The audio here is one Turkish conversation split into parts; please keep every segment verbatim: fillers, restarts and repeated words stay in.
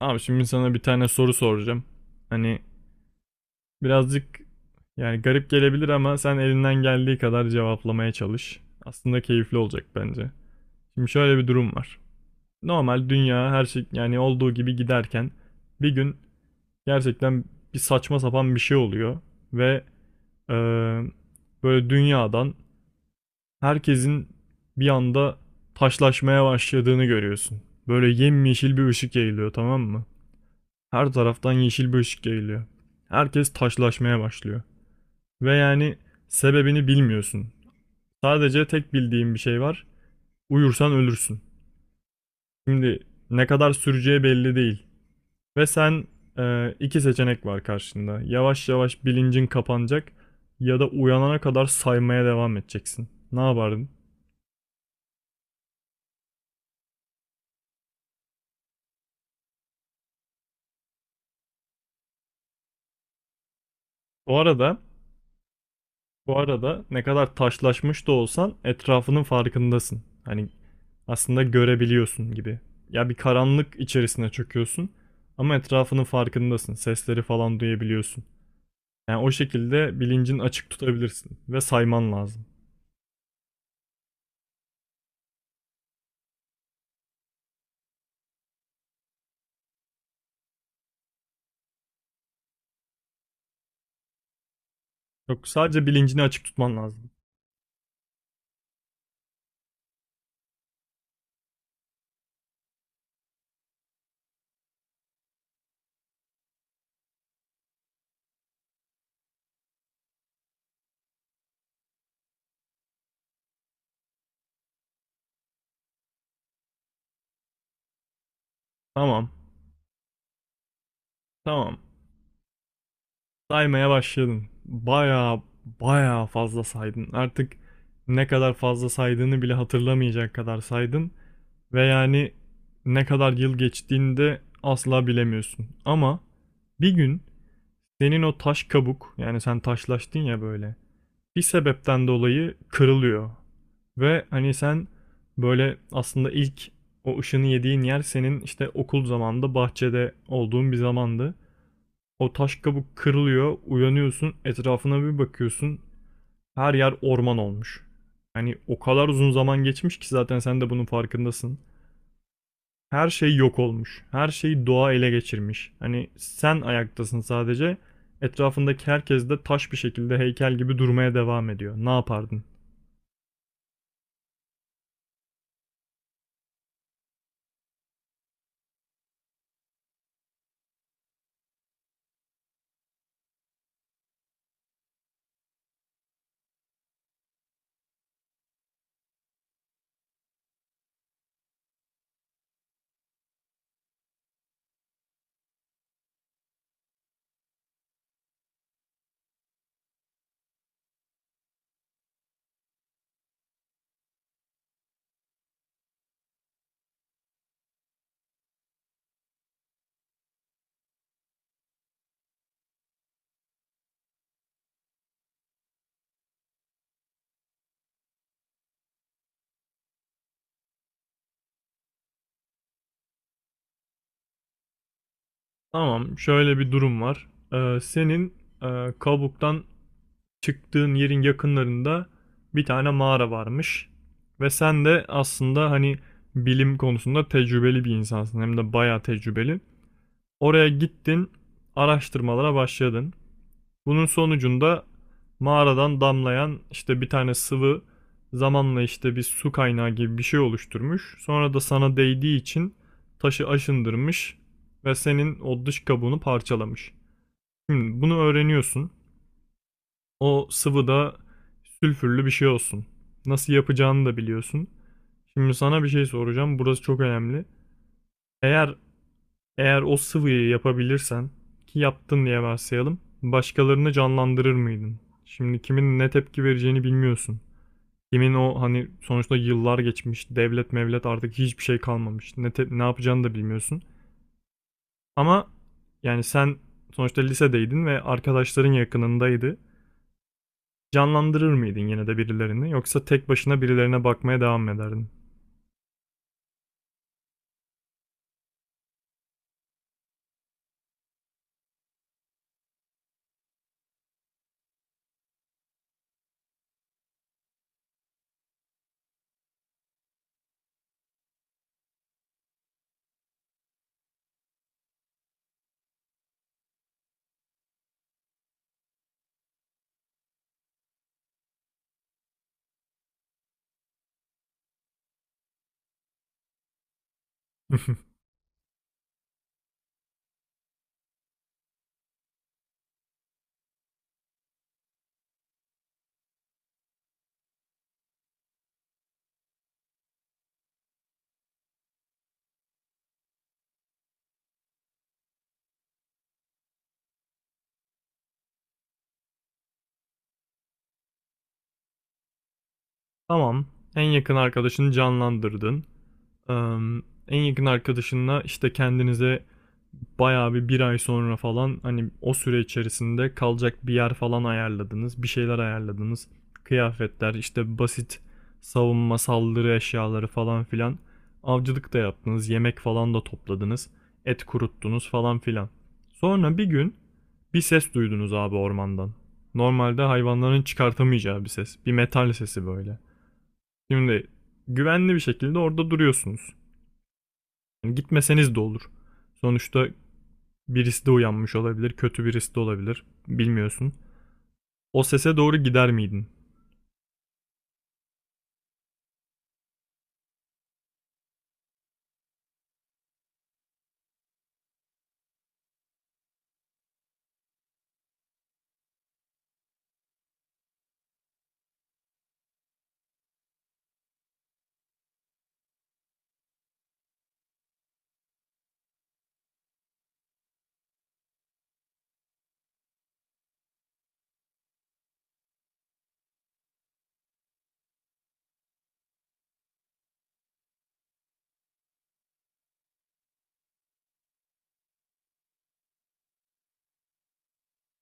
Abi şimdi sana bir tane soru soracağım. Hani birazcık yani garip gelebilir ama sen elinden geldiği kadar cevaplamaya çalış. Aslında keyifli olacak bence. Şimdi şöyle bir durum var. Normal dünya her şey yani olduğu gibi giderken bir gün gerçekten bir saçma sapan bir şey oluyor ve eee, böyle dünyadan herkesin bir anda taşlaşmaya başladığını görüyorsun. Böyle yemyeşil bir ışık yayılıyor, tamam mı? Her taraftan yeşil bir ışık yayılıyor. Herkes taşlaşmaya başlıyor. Ve yani sebebini bilmiyorsun. Sadece tek bildiğin bir şey var. Uyursan ölürsün. Şimdi ne kadar süreceği belli değil. Ve sen e, iki seçenek var karşında. Yavaş yavaş bilincin kapanacak ya da uyanana kadar saymaya devam edeceksin. Ne yapardın? Bu arada, bu arada ne kadar taşlaşmış da olsan etrafının farkındasın. Hani aslında görebiliyorsun gibi. Ya bir karanlık içerisine çöküyorsun ama etrafının farkındasın. Sesleri falan duyabiliyorsun. Yani o şekilde bilincini açık tutabilirsin ve sayman lazım. Yok, sadece bilincini açık tutman lazım. Tamam. Tamam. Saymaya başladın. Baya baya fazla saydın. Artık ne kadar fazla saydığını bile hatırlamayacak kadar saydın ve yani ne kadar yıl geçtiğini de asla bilemiyorsun. Ama bir gün senin o taş kabuk, yani sen taşlaştın ya, böyle bir sebepten dolayı kırılıyor. Ve hani sen böyle aslında ilk o ışını yediğin yer senin işte okul zamanında bahçede olduğun bir zamandı. O taş kabuk kırılıyor, uyanıyorsun, etrafına bir bakıyorsun. Her yer orman olmuş. Hani o kadar uzun zaman geçmiş ki zaten sen de bunun farkındasın. Her şey yok olmuş. Her şeyi doğa ele geçirmiş. Hani sen ayaktasın sadece. Etrafındaki herkes de taş bir şekilde heykel gibi durmaya devam ediyor. Ne yapardın? Tamam, şöyle bir durum var. Ee, senin e, kabuktan çıktığın yerin yakınlarında bir tane mağara varmış. Ve sen de aslında hani bilim konusunda tecrübeli bir insansın. Hem de bayağı tecrübeli. Oraya gittin, araştırmalara başladın. Bunun sonucunda mağaradan damlayan işte bir tane sıvı zamanla işte bir su kaynağı gibi bir şey oluşturmuş. Sonra da sana değdiği için taşı aşındırmış ve senin o dış kabuğunu parçalamış. Şimdi bunu öğreniyorsun. O sıvı da sülfürlü bir şey olsun. Nasıl yapacağını da biliyorsun. Şimdi sana bir şey soracağım. Burası çok önemli. Eğer Eğer o sıvıyı yapabilirsen, ki yaptın diye varsayalım, başkalarını canlandırır mıydın? Şimdi kimin ne tepki vereceğini bilmiyorsun. Kimin o, hani sonuçta yıllar geçmiş, devlet mevlet artık hiçbir şey kalmamış. Ne te- ne yapacağını da bilmiyorsun. Ama yani sen sonuçta lisedeydin ve arkadaşların yakınındaydı. Canlandırır mıydın yine de birilerini, yoksa tek başına birilerine bakmaya devam ederdin? Tamam. En yakın arkadaşını canlandırdın. Eee, en yakın arkadaşınla işte kendinize bayağı bir bir ay sonra falan, hani o süre içerisinde kalacak bir yer falan ayarladınız. Bir şeyler ayarladınız. Kıyafetler, işte basit savunma, saldırı eşyaları falan filan. Avcılık da yaptınız. Yemek falan da topladınız. Et kuruttunuz falan filan. Sonra bir gün bir ses duydunuz abi ormandan. Normalde hayvanların çıkartamayacağı bir ses. Bir metal sesi böyle. Şimdi güvenli bir şekilde orada duruyorsunuz. Yani gitmeseniz de olur. Sonuçta birisi de uyanmış olabilir, kötü birisi de olabilir. Bilmiyorsun. O sese doğru gider miydin?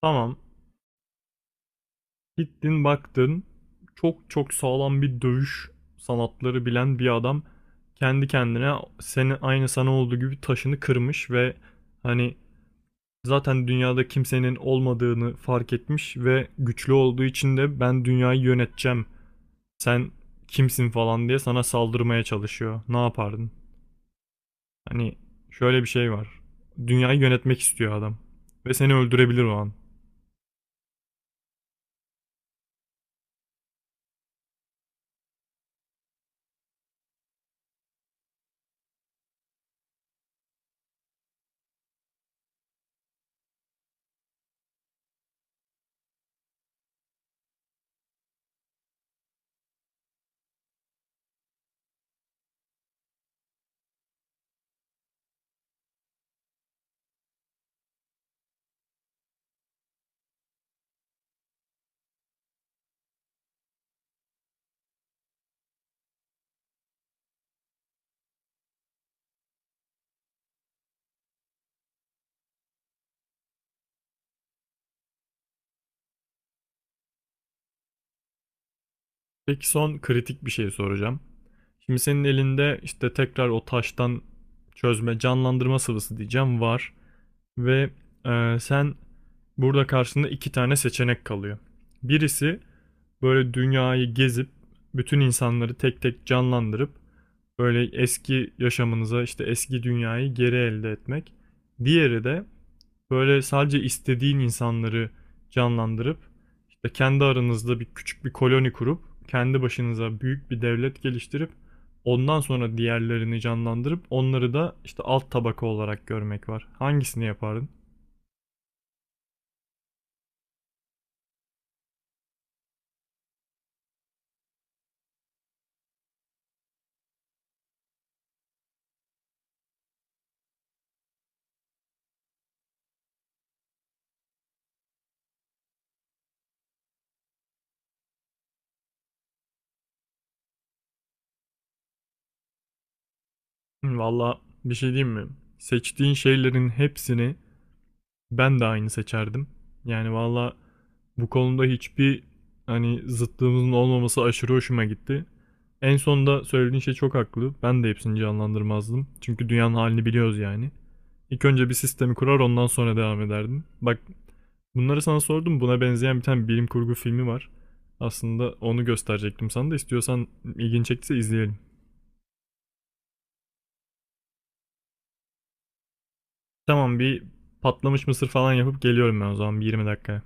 Tamam. Gittin baktın. Çok çok sağlam bir dövüş sanatları bilen bir adam kendi kendine, senin aynı sana olduğu gibi, taşını kırmış ve hani zaten dünyada kimsenin olmadığını fark etmiş ve güçlü olduğu için de ben dünyayı yöneteceğim, sen kimsin falan diye sana saldırmaya çalışıyor. Ne yapardın? Hani şöyle bir şey var. Dünyayı yönetmek istiyor adam. Ve seni öldürebilir o an. Peki son kritik bir şey soracağım. Şimdi senin elinde işte tekrar o taştan çözme, canlandırma sıvısı diyeceğim var. Ve e, sen burada karşında iki tane seçenek kalıyor. Birisi böyle dünyayı gezip bütün insanları tek tek canlandırıp böyle eski yaşamınıza işte eski dünyayı geri elde etmek. Diğeri de böyle sadece istediğin insanları canlandırıp işte kendi aranızda bir küçük bir koloni kurup kendi başınıza büyük bir devlet geliştirip ondan sonra diğerlerini canlandırıp onları da işte alt tabaka olarak görmek var. Hangisini yapardın? Hı, valla bir şey diyeyim mi? Seçtiğin şeylerin hepsini ben de aynı seçerdim. Yani valla bu konuda hiçbir hani zıtlığımızın olmaması aşırı hoşuma gitti. En sonunda söylediğin şey çok haklı. Ben de hepsini canlandırmazdım. Çünkü dünyanın halini biliyoruz yani. İlk önce bir sistemi kurar ondan sonra devam ederdim. Bak, bunları sana sordum. Buna benzeyen bir tane bilim kurgu filmi var. Aslında onu gösterecektim sana da, istiyorsan ilgin çektiyse izleyelim. Tamam, bir patlamış mısır falan yapıp geliyorum ben o zaman bir yirmi dakika.